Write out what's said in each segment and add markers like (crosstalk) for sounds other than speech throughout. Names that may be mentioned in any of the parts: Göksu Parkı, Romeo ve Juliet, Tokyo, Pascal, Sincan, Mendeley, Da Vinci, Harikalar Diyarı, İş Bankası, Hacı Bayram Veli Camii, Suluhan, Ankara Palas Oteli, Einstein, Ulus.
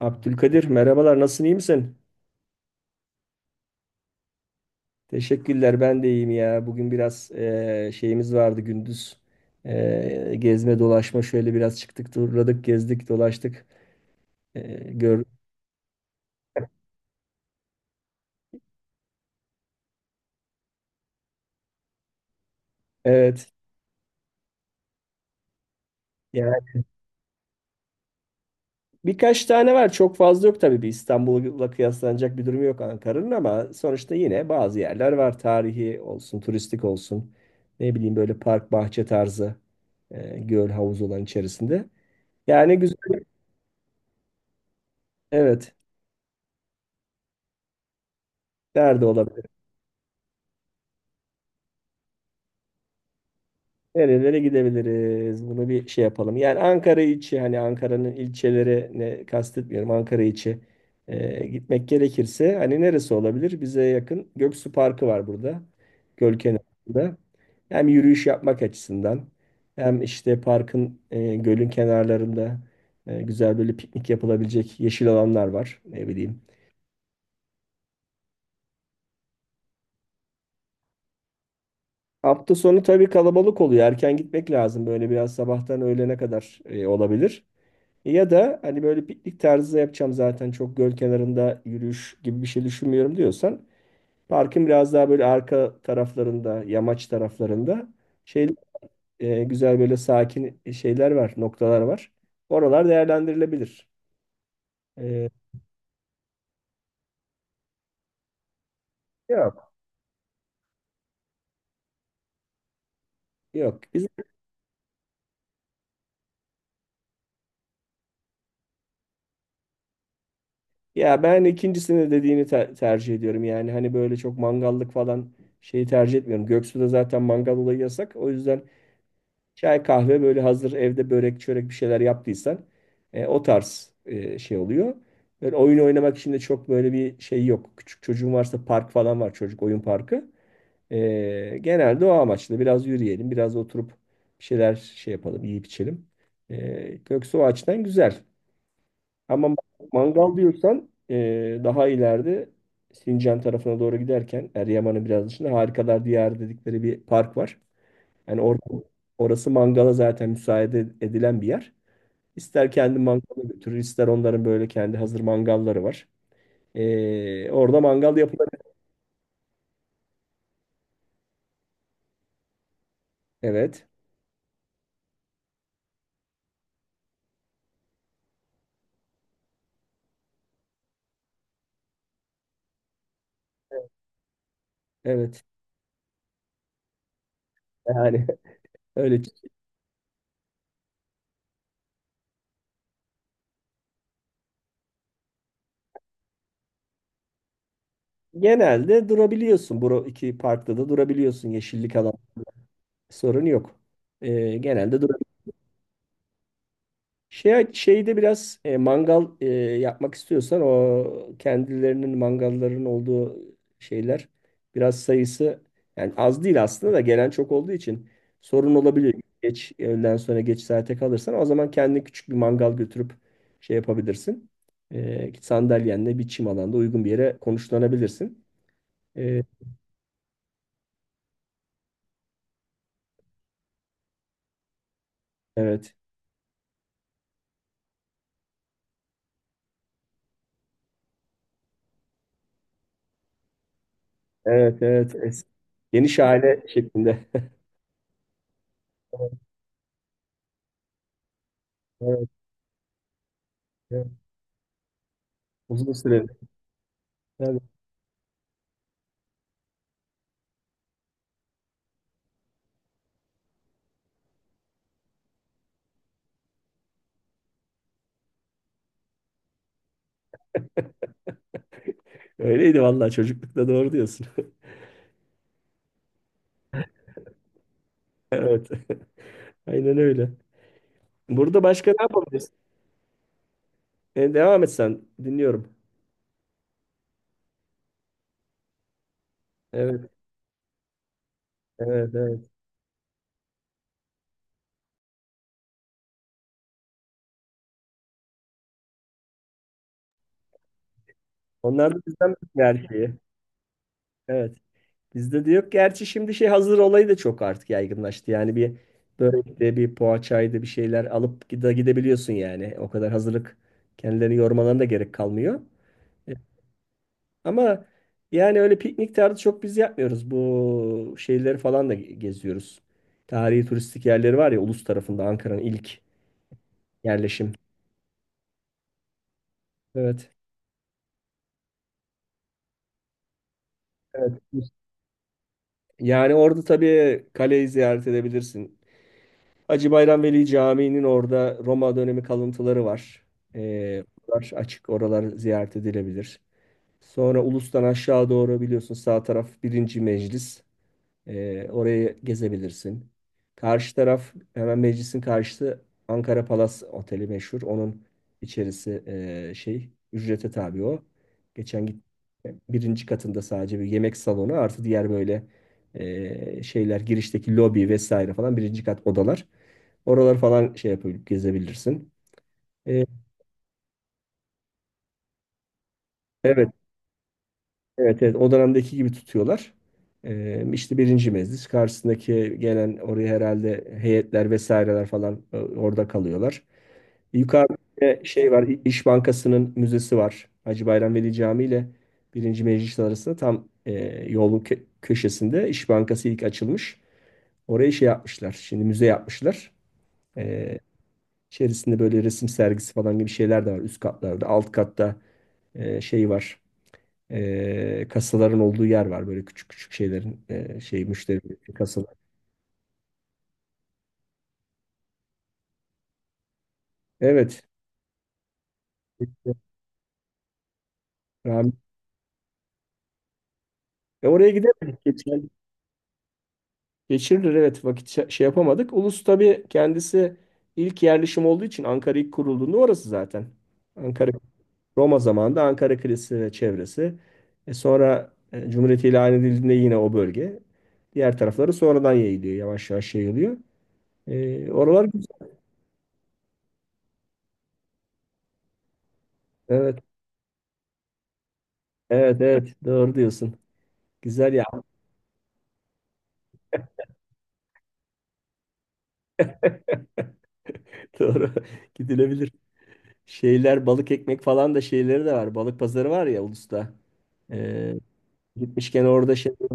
Abdülkadir merhabalar, nasılsın, iyi misin? Teşekkürler, ben de iyiyim ya. Bugün biraz şeyimiz vardı gündüz. Gezme dolaşma, şöyle biraz çıktık, turladık, gezdik, dolaştık. Gör evet. Yani birkaç tane var, çok fazla yok tabii, bir İstanbul'la kıyaslanacak bir durum yok Ankara'nın, ama sonuçta yine bazı yerler var. Tarihi olsun, turistik olsun, ne bileyim, böyle park bahçe tarzı, göl havuz olan içerisinde. Yani güzel. Evet, nerede olabilir? Nerelere gidebiliriz? Bunu bir şey yapalım. Yani Ankara içi, hani Ankara'nın ilçelerine kastetmiyorum. Ankara içi gitmek gerekirse hani neresi olabilir? Bize yakın Göksu Parkı var burada. Göl kenarında. Hem yürüyüş yapmak açısından, hem işte parkın gölün kenarlarında güzel böyle piknik yapılabilecek yeşil alanlar var. Ne bileyim. Hafta sonu tabii kalabalık oluyor. Erken gitmek lazım. Böyle biraz sabahtan öğlene kadar olabilir. Ya da hani böyle piknik tarzı yapacağım, zaten çok göl kenarında yürüyüş gibi bir şey düşünmüyorum diyorsan, parkın biraz daha böyle arka taraflarında, yamaç taraflarında şey güzel böyle sakin şeyler var, noktalar var. Oralar değerlendirilebilir. E, Yok. Yok. Ya ben ikincisini dediğini tercih ediyorum. Yani hani böyle çok mangallık falan şeyi tercih etmiyorum. Göksu'da zaten mangal olayı yasak. O yüzden çay kahve böyle hazır, evde börek çörek bir şeyler yaptıysan o tarz şey oluyor. Böyle oyun oynamak için de çok böyle bir şey yok. Küçük çocuğun varsa park falan var, çocuk oyun parkı. Genelde o amaçla biraz yürüyelim, biraz oturup bir şeyler şey yapalım, yiyip içelim. Yoksa o açıdan güzel. Ama mangal diyorsan, daha ileride Sincan tarafına doğru giderken, Eryaman'ın biraz dışında Harikalar Diyarı dedikleri bir park var. Yani or- Orası mangala zaten müsaade edilen bir yer. İster kendi mangala götürür, ister onların böyle kendi hazır mangalları var. Orada mangal yapılabilir. Evet, evet. Yani (laughs) öyle. Genelde durabiliyorsun. Bu iki parkta da durabiliyorsun. Yeşillik alan, sorun yok. Genelde durabiliyorsun. Şeyde biraz mangal yapmak istiyorsan, o kendilerinin mangalların olduğu şeyler, biraz sayısı, yani az değil aslında, da gelen çok olduğu için sorun olabiliyor. Geç öğleden sonra geç saate kalırsan, o zaman kendine küçük bir mangal götürüp şey yapabilirsin. Sandalyenle bir çim alanda uygun bir yere konuşlanabilirsin. E, evet. Evet, evet. Geniş aile şeklinde. (laughs) Evet, evet. Uzun süreli. Öyleydi vallahi, çocuklukta doğru diyorsun. (laughs) Evet. (laughs) Aynen öyle. Burada başka ne yapabiliriz? Devam et sen. Dinliyorum. Evet, evet, evet. Onlar da bizden bir erkeği. Evet. Bizde de yok. Gerçi şimdi şey, hazır olayı da çok artık yaygınlaştı. Yani bir börekte, bir poğaçaydı, bir şeyler alıp gidebiliyorsun yani. O kadar hazırlık, kendilerini yormalarına da gerek kalmıyor. Ama yani öyle piknik tarzı çok biz yapmıyoruz. Bu şeyleri falan da geziyoruz. Tarihi turistik yerleri var ya, Ulus tarafında Ankara'nın ilk yerleşim. Evet. Evet. Yani orada tabii kaleyi ziyaret edebilirsin. Hacı Bayram Veli Camii'nin orada Roma dönemi kalıntıları var. Oralar açık, oralar ziyaret edilebilir. Sonra Ulus'tan aşağı doğru biliyorsun, sağ taraf birinci meclis. Orayı gezebilirsin. Karşı taraf, hemen meclisin karşısı Ankara Palas Oteli meşhur. Onun içerisi şey, ücrete tabi o. Geçen git birinci katında sadece bir yemek salonu, artı diğer böyle şeyler, girişteki lobi vesaire falan, birinci kat odalar. Oralar falan şey yapıp gezebilirsin. E, evet. Evet, evet, o dönemdeki gibi tutuyorlar. İşte birinci meclis karşısındaki, gelen oraya herhalde heyetler vesaireler falan orada kalıyorlar. Yukarıda bir şey var, İş Bankası'nın müzesi var. Hacı Bayram Veli Camii ile birinci meclis arasında tam yolun köşesinde İş Bankası ilk açılmış. Oraya şey yapmışlar, şimdi müze yapmışlar. Ee, içerisinde böyle resim sergisi falan gibi şeyler de var üst katlarda. Alt katta şey var, kasaların olduğu yer var, böyle küçük küçük şeylerin şey, müşteri kasalar. Evet. Rahmi- oraya gidemedik. Geçirilir evet, vakit şey yapamadık. Ulus tabii kendisi ilk yerleşim olduğu için, Ankara ilk kurulduğunda orası zaten. Ankara Roma zamanında Ankara Kalesi ve çevresi. Sonra Cumhuriyet ilan edildiğinde yine o bölge. Diğer tarafları sonradan yayılıyor. Yavaş yavaş yayılıyor. Oralar güzel. Evet. Evet evet, doğru diyorsun. Güzel. Doğru. (laughs) Gidilebilir. Şeyler, balık ekmek falan da şeyleri de var. Balık pazarı var ya Ulus'ta. Ee, gitmişken orada şey. (laughs)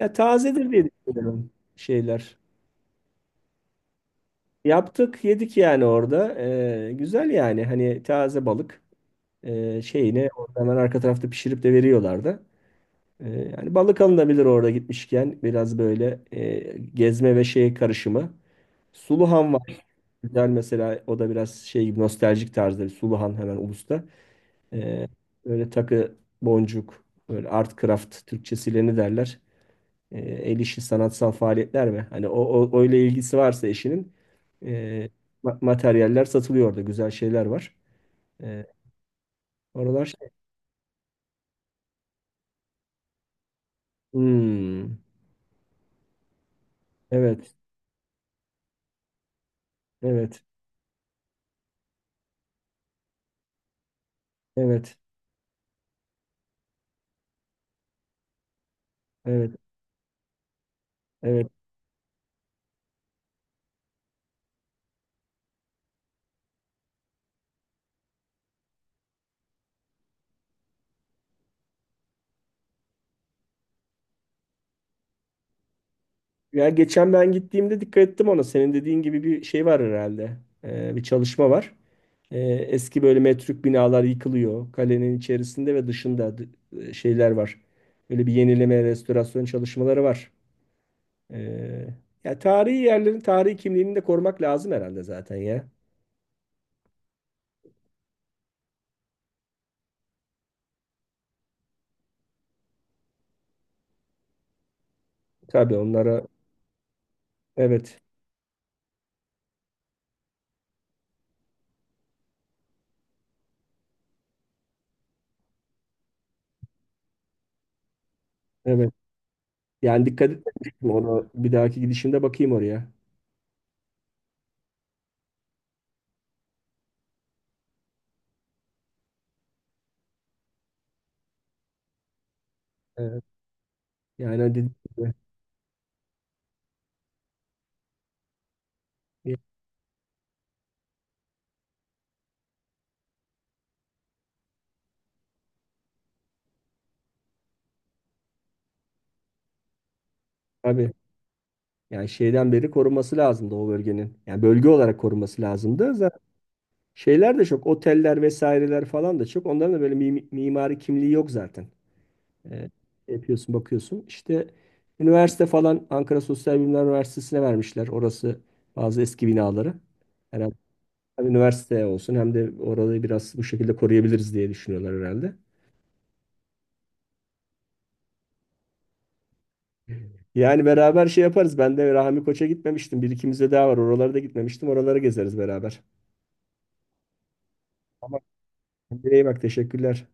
Ya tazedir diye düşünüyorum şeyler. Yaptık yedik yani orada. Güzel yani, hani taze balık şeyini orada hemen arka tarafta pişirip de veriyorlardı. Ee, yani balık alınabilir orada gitmişken, biraz böyle gezme ve şey karışımı. Suluhan var. Güzel mesela, o da biraz şey gibi, nostaljik tarzda bir Suluhan hemen Ulus'ta. Ee, böyle takı, boncuk, böyle art craft, Türkçesiyle ne derler? El işi sanatsal faaliyetler mi? Hani o öyle, ilgisi varsa eşinin ee, materyaller satılıyor orada. Güzel şeyler var. Ee, oralar şey. Hmm, evet, evet, evet, evet, evet. Ya geçen ben gittiğimde dikkat ettim ona. Senin dediğin gibi bir şey var herhalde. Bir çalışma var. Eski böyle metruk binalar yıkılıyor. Kalenin içerisinde ve dışında şeyler var. Böyle bir yenileme, restorasyon çalışmaları var. Ee, ya tarihi yerlerin tarihi kimliğini de korumak lazım herhalde zaten ya. Tabii onlara evet, evet. Yani dikkat etmemiştim onu. Bir dahaki gidişimde bakayım oraya. Evet. Yani dedim, tabii. Yani şeyden beri korunması lazımdı o bölgenin. Yani bölge olarak korunması lazımdı. Zaten şeyler de çok. Oteller vesaireler falan da çok. Onların da böyle mimari kimliği yok zaten. Ee, şey yapıyorsun bakıyorsun. İşte üniversite falan, Ankara Sosyal Bilimler Üniversitesi'ne vermişler. Orası bazı eski binaları. Herhalde hem üniversite olsun, hem de orayı biraz bu şekilde koruyabiliriz diye düşünüyorlar herhalde. Yani beraber şey yaparız. Ben de Rahmi Koç'a gitmemiştim. Bir ikimiz de daha var. Oralara da gitmemiştim. Oraları gezeriz beraber. Ama kendine iyi bak. Teşekkürler.